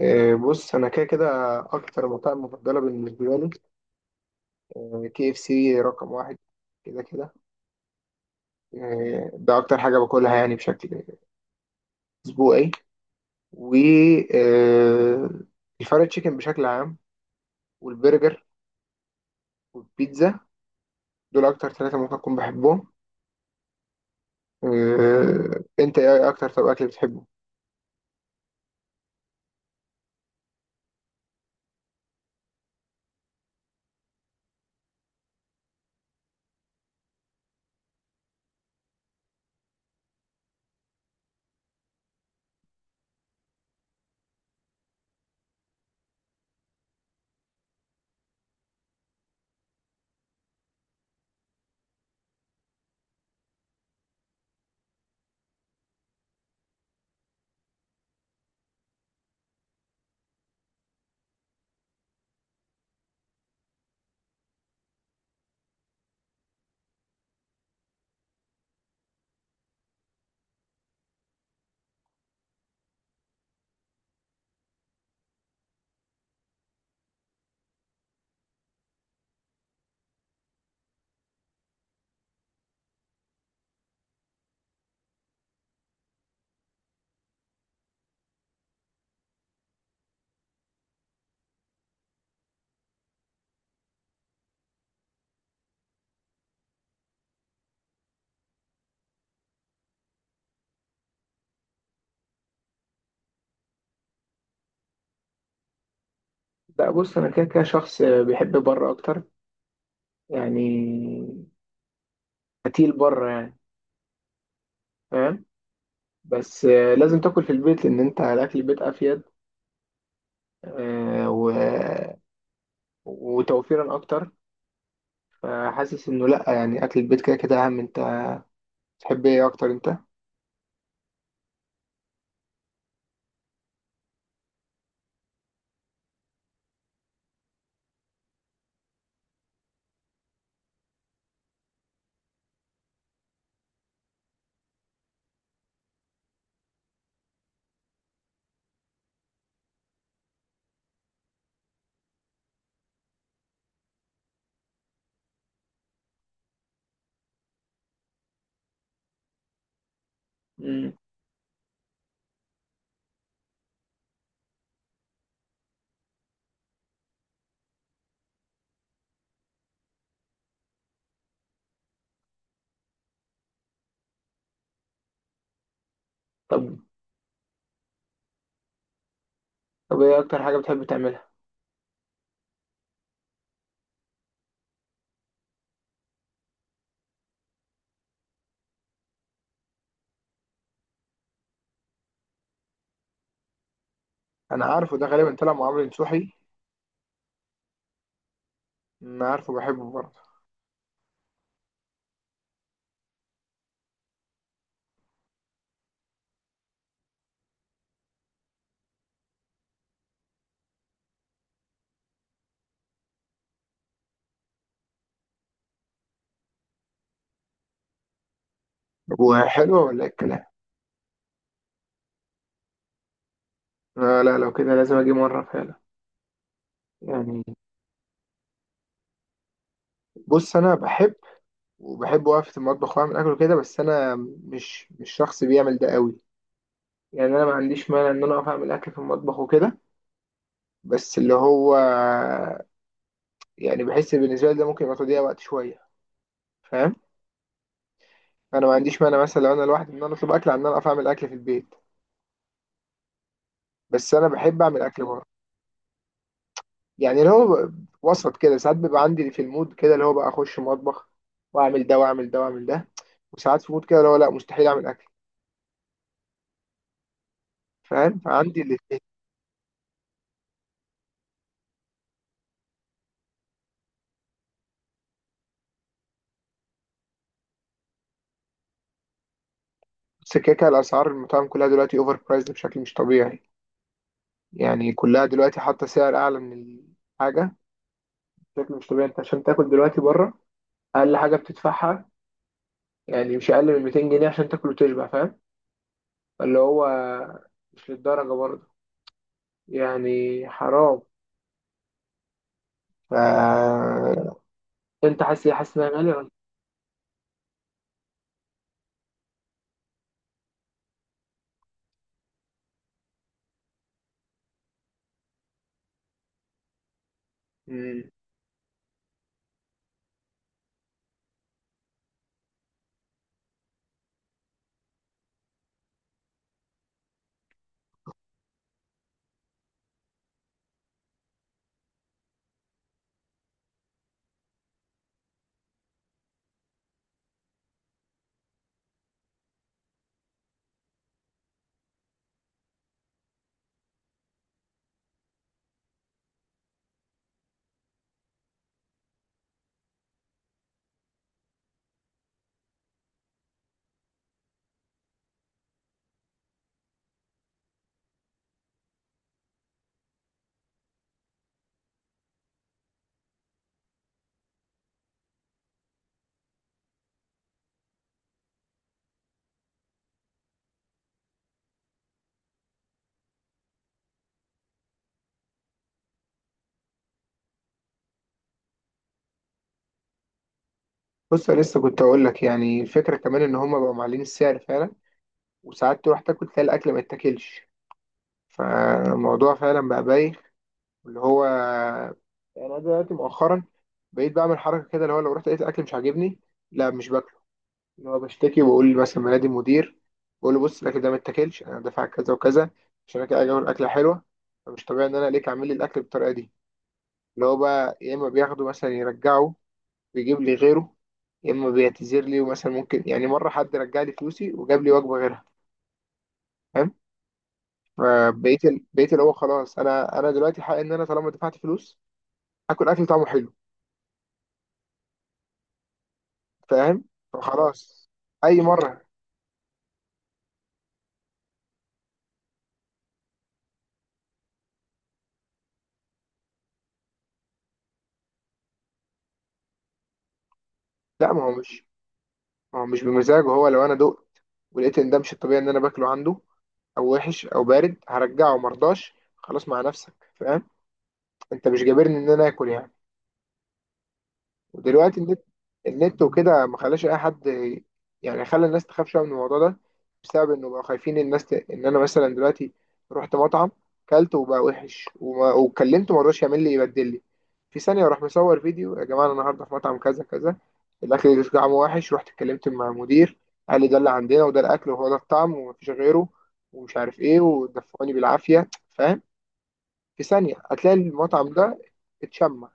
بص، انا كده كده اكتر مطاعم مفضله بالنسبه لي. كي اف سي رقم واحد، كده كده. ده اكتر حاجه باكلها يعني بشكل اسبوعي. و إيه، الفرايد تشيكن بشكل عام، والبرجر والبيتزا، دول اكتر ثلاثه ممكن اكون بحبهم. إيه، انت ايه اكتر، طب، اكل بتحبه؟ لا، بص، انا كده كده شخص بيحب بره اكتر، يعني قتيل بره يعني، فاهم؟ بس لازم تاكل في البيت، لان انت الاكل البيت افيد. آه، و... وتوفيرا اكتر. فحاسس انه لا، يعني اكل البيت كده كده اهم. انت تحب ايه اكتر انت؟ مم. طب. طب، ايه اكتر حاجه بتحب تعملها؟ انا عارفه ده، غالبا طلع مع عمرو نصوحي. انا عارفه، بحبه برضه. وحلو ولا إيه الكلام؟ آه، لا، لو كده لازم اجي مره فعلا. يعني بص، انا بحب، وبحب وقفه المطبخ واعمل اكل كده، بس انا مش شخص بيعمل ده قوي. يعني انا ما عنديش مانع ان انا اقف اعمل اكل في المطبخ وكده، بس اللي هو يعني بحس بالنسبه لي ده ممكن يبقى تضييع وقت شويه، فاهم؟ انا ما عنديش مانع مثلا لو انا لوحدي ان انا اطلب اكل عن ان انا اقف اعمل اكل في البيت، بس انا بحب اعمل اكل بره. يعني اللي هو وسط كده، ساعات بيبقى عندي في المود كده اللي هو بقى اخش مطبخ واعمل ده واعمل ده واعمل ده، وساعات في مود كده اللي هو لا، مستحيل اعمل اكل. فاهم؟ فعندي الاثنين. بس كده كده، الاسعار المطاعم كلها دلوقتي اوفر برايسد بشكل مش طبيعي، يعني كلها دلوقتي حاطه سعر اعلى من الحاجه بشكل مش طبيعي. انت عشان تاكل دلوقتي بره، اقل حاجه بتدفعها يعني مش اقل من 200 جنيه عشان تاكل وتشبع، فاهم؟ اللي هو مش للدرجه برضه، يعني حرام. ف... انت حاسس انها غاليه ولا؟ مم. بص، انا لسه كنت اقول لك يعني الفكره، كمان ان هم بقوا معلين السعر فعلا، وساعات تروح تاكل تلاقي الاكل ما يتاكلش. فالموضوع فعلا بقى بايخ. اللي هو يعني انا دلوقتي مؤخرا بقيت بعمل حركه كده، اللي هو لو رحت لقيت الاكل مش عاجبني، لا مش باكله. اللي هو بشتكي وبقول، مثلا منادي المدير، بقول له بص، الاكل ده ما اتاكلش، انا دافع كذا وكذا عشان انا كده اجي اعمل اكله حلوه، فمش طبيعي ان انا ليك عامل لي الاكل بالطريقه دي. اللي هو بقى يا اما بياخده مثلا يرجعه ويجيب لي غيره، يا اما بيعتذر لي، ومثلا ممكن، يعني مره حد رجع لي فلوسي وجاب لي وجبه غيرها، فاهم؟ فبقيت ال- بقيت اللي هو خلاص، انا دلوقتي حق ان انا طالما دفعت فلوس، اكل طعمه حلو، فاهم؟ فخلاص، اي مره. لا، ما هو مش بمزاجه. هو لو انا دقت ولقيت ان ده مش الطبيعي ان انا باكله عنده، او وحش او بارد، هرجعه. مرضاش؟ خلاص، مع نفسك. فاهم؟ انت مش جابرني ان انا اكل يعني. ودلوقتي النت. النت وكده ما خلاش اي حد، يعني خلى الناس تخاف شويه من الموضوع ده، بسبب انه بقى خايفين الناس ان انا مثلا دلوقتي رحت مطعم كلت وبقى وحش وكلمته، ما رضاش يعمل لي يبدل لي، في ثانيه راح مصور فيديو: يا جماعه انا النهارده في مطعم كذا كذا، الاكل اللي طعمه وحش، رحت اتكلمت مع المدير قال لي ده اللي عندنا، وده الاكل وهو ده الطعم ومفيش غيره، ومش عارف ايه، ودفعوني بالعافيه، فاهم؟ في ثانيه هتلاقي المطعم ده اتشمع.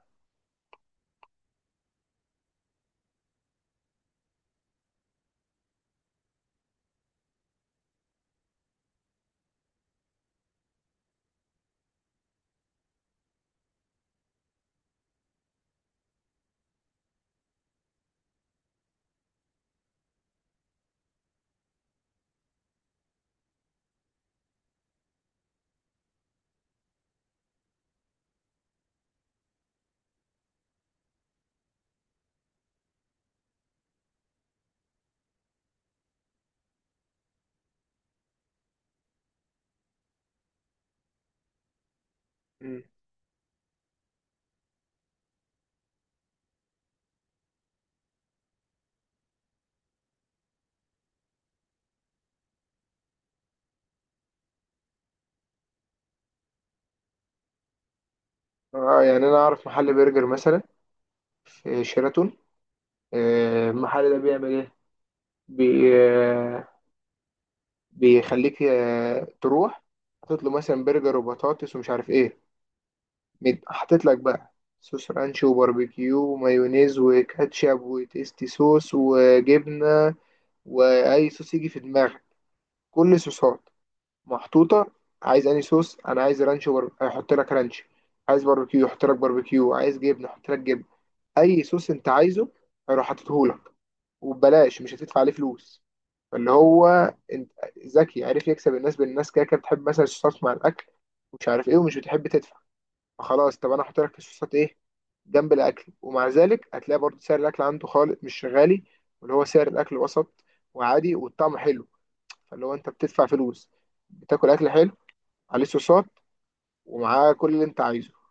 مم. اه، يعني انا اعرف محل برجر مثلا، شيراتون. المحل ده بيعمل ايه؟ بي آه، بيخليك تروح، حاطط له مثلا برجر وبطاطس ومش عارف ايه. حاطط لك بقى صوص رانش وباربيكيو ومايونيز وكاتشب وتيستي صوص وجبنة، واي صوص يجي في دماغك، كل صوصات محطوطة. عايز اي صوص؟ انا عايز رانش هيحط لك رانش، عايز باربيكيو يحط لك باربيكيو، عايز جبنة يحط لك جبنة. اي صوص انت عايزه هيروح حاططهولك، وببلاش، مش هتدفع عليه فلوس. فاللي هو انت ذكي، عارف يكسب الناس، بالناس كده كده بتحب مثلا الصوصات مع الاكل ومش عارف ايه، ومش بتحب تدفع. فخلاص، طب انا هحط لك الصوصات ايه جنب الاكل، ومع ذلك هتلاقي برضه سعر الاكل عنده خالص مش غالي، واللي هو سعر الاكل وسط وعادي والطعم حلو. فاللي هو انت بتدفع فلوس، بتاكل اكل حلو، عليه صوصات، ومعاه كل اللي انت عايزه.